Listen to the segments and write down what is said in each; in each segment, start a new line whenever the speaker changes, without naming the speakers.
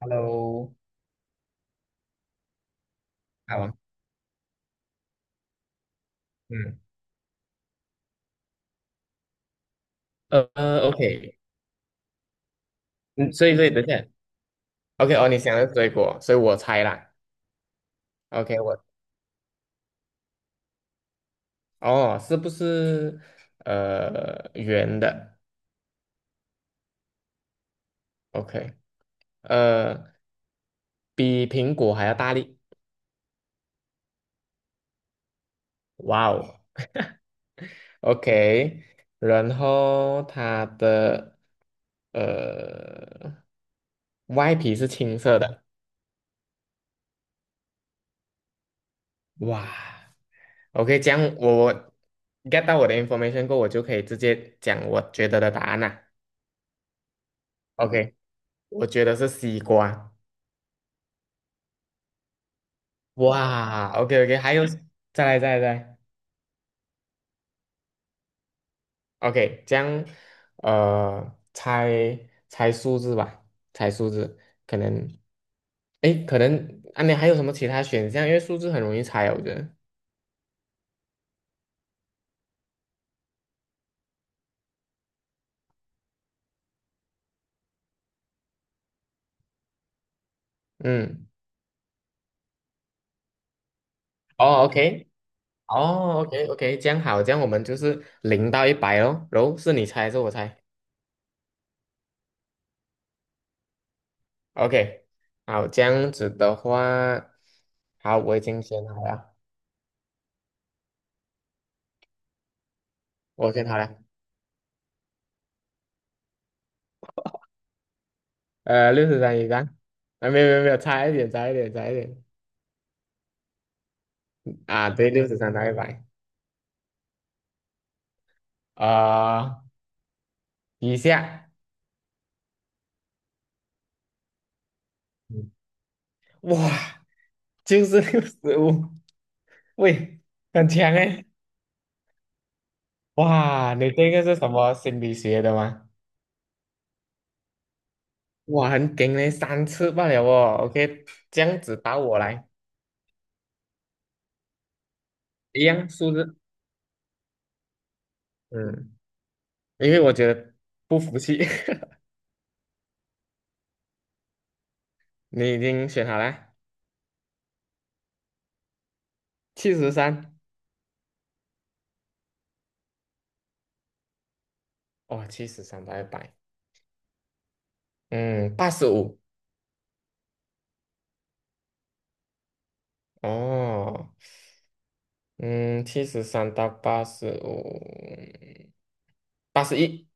Hello，好，嗯，OK，嗯，所以等一下，OK，哦，你想的是水果，所以我猜啦，OK，我哦，是不是圆的？OK，呃，比苹果还要大力，哇哦 ，OK，然后它的呃外皮是青色的，哇，OK，这样我 get 到我的 information 过后，我就可以直接讲我觉得的答案啦。OK,我觉得是西瓜。哇，OK OK,还有，再来再来再来，OK,这样，猜猜数字吧，猜数字，可能，诶，可能啊，你还有什么其他选项？因为数字很容易猜，我觉得。嗯，哦，OK,哦，OK OK,这样好，这样我们就是0到一百哦，然后是你猜还是我猜？OK,好，这样子的话，好，我已经选好了，我选好了。六十三一上，啊，没有没有没有，差一点，差一点，差一点，啊，对，六十三到一百，啊，以下，嗯哇，就是65，喂，很强哎，哇，你这个是什么心理学的吗？哇，很顶嘞，3次罢了哦，OK,这样子打我来，一样数字，嗯，因为我觉得不服气，你已经选好了，七十三，哦，七十三到一百，嗯，八十五。哦，嗯，七十三到八十五，八十一，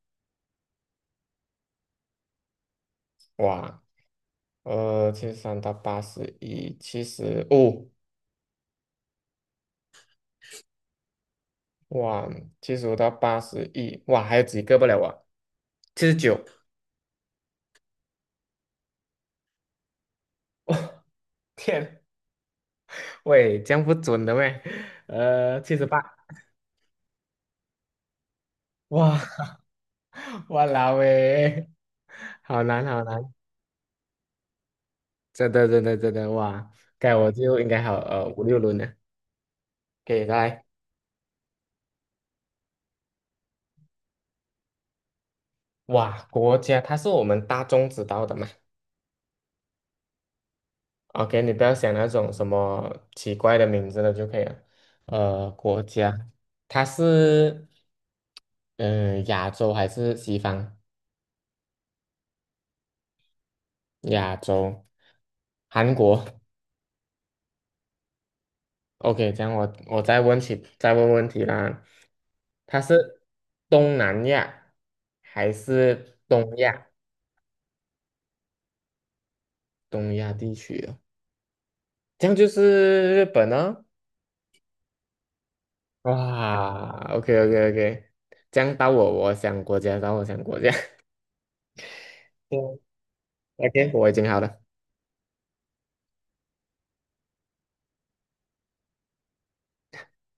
哇，七十三到八十一，七十五，哇，七十五到八十一，哇，还有几个不了我？79，天，喂，这样不准的喂，78，哇，哇啦喂，好难好难，真的真的真的哇，该我就应该好五六轮了，给以来，哇，国家它是我们大众知道的嘛。OK,你不要想那种什么奇怪的名字了就可以了。国家，它是亚洲还是西方？亚洲，韩国。OK,这样我再问问题啦。它是东南亚还是东亚？东亚地区的，这样就是日本呢、哇，OK OK OK,这样到我想国家，到我想国家。OK,我已经好了，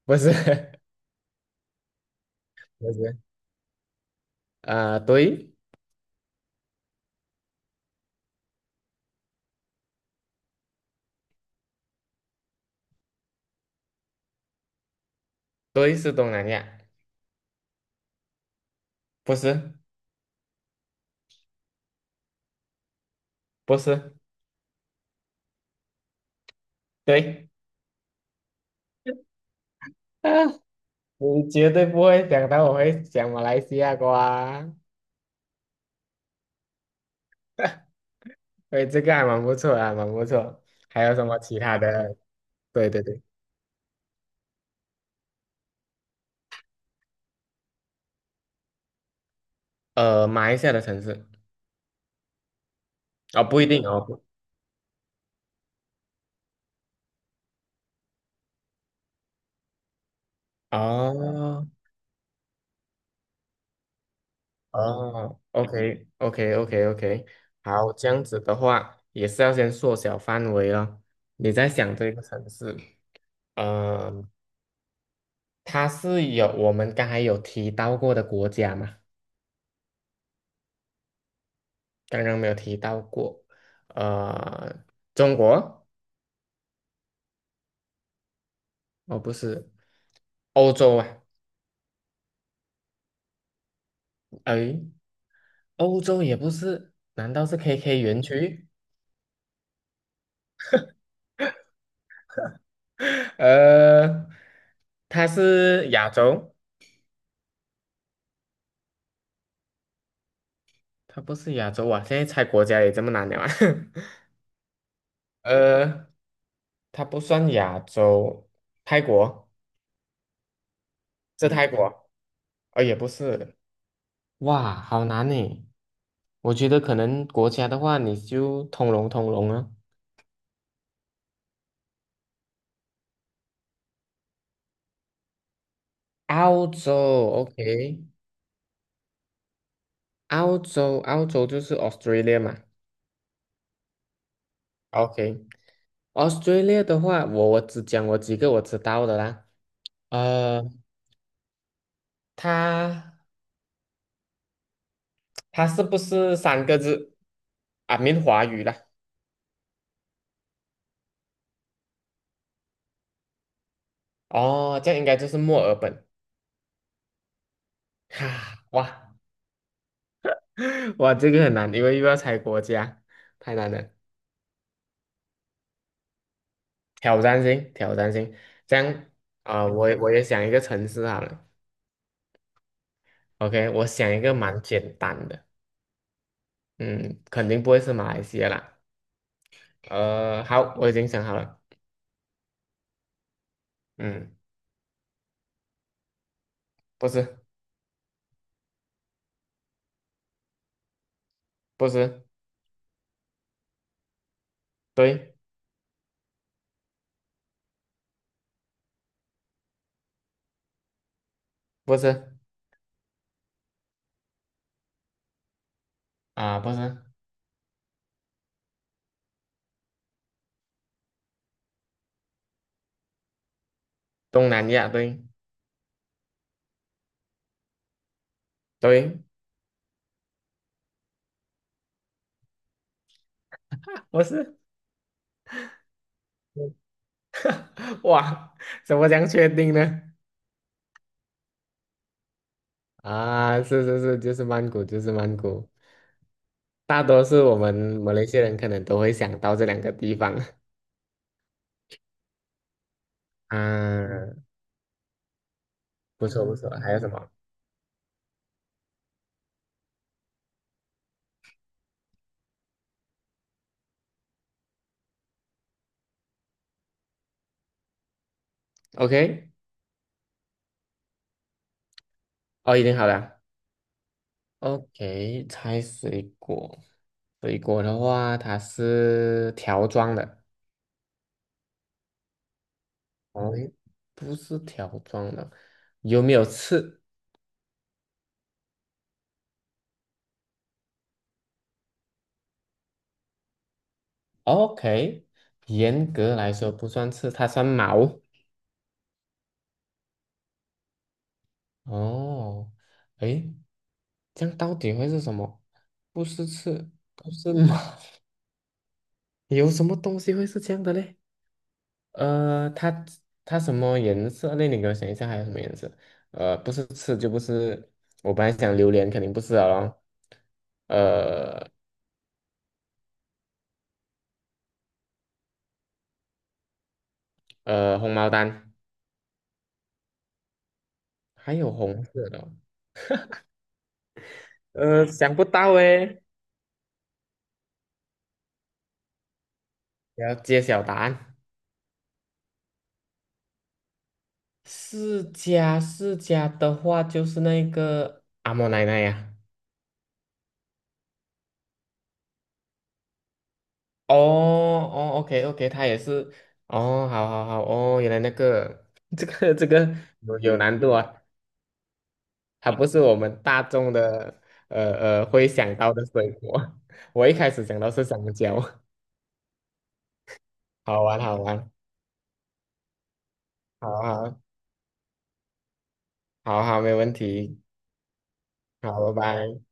不是，不是，对，对是东南亚，不是，不是，对，啊，你绝对不会想到我会讲马来西亚瓜，对，这个还蛮不错啊，蛮不错。还有什么其他的？对对对，马来西亚的城市，哦，不一定哦，不哦，哦，OK OK OK OK,好，这样子的话也是要先缩小范围了，你在想这个城市。呃，它是有我们刚才有提到过的国家嘛？刚刚没有提到过，呃，中国哦，不是欧洲啊，哎，欧洲也不是，难道是 KK 园区？呃，它是亚洲，它不是亚洲啊，现在猜国家也这么难了啊，呃，它不算亚洲，泰国是泰国，哦，也不是，哇，好难呢。我觉得可能国家的话，你就通融通融啊。澳洲，OK,澳洲，澳洲就是 Australia 嘛OK，Australia 的话，我只讲我几个我知道的啦。呃，它它是不是3个字啊？闽华语啦。哦，这样应该就是墨尔本。哈，哇 哇，这个很难，因为又要猜国家，太难了，挑战性，挑战性。这样我也想一个城市好了。OK,我想一个蛮简单的，嗯，肯定不会是马来西亚啦。好，我已经想好了，嗯，不是，不是，对，不是，啊、不是，东南亚，对，对，不是，哇，怎么这样确定呢？啊，是是是，就是曼谷，就是曼谷，大多数我们马来西亚人可能都会想到这2个地方。啊，不错不错，还有什么？OK,哦，已经好了。OK,猜水果。水果的话，它是条状的。哦，诶不是条状的，有没有刺？OK,严格来说不算刺，它算毛。哦，诶，这样到底会是什么？不是刺，不是毛，有什么东西会是这样的嘞？呃，它它什么颜色？那你给我想一下，还有什么颜色？不是刺就不是，我本来想榴莲，肯定不是了咯。呃红毛丹还有红色的哦 想不到诶，要揭晓答案。释迦，释迦的话就是那个阿嬷奶奶呀、哦哦，OK OK,它也是。哦，好好好，哦，原来那个 这个有难度啊。它不是我们大众的呃会想到的水果。我一开始想到是香蕉，好玩好玩，好好好好，没问题，好，拜拜。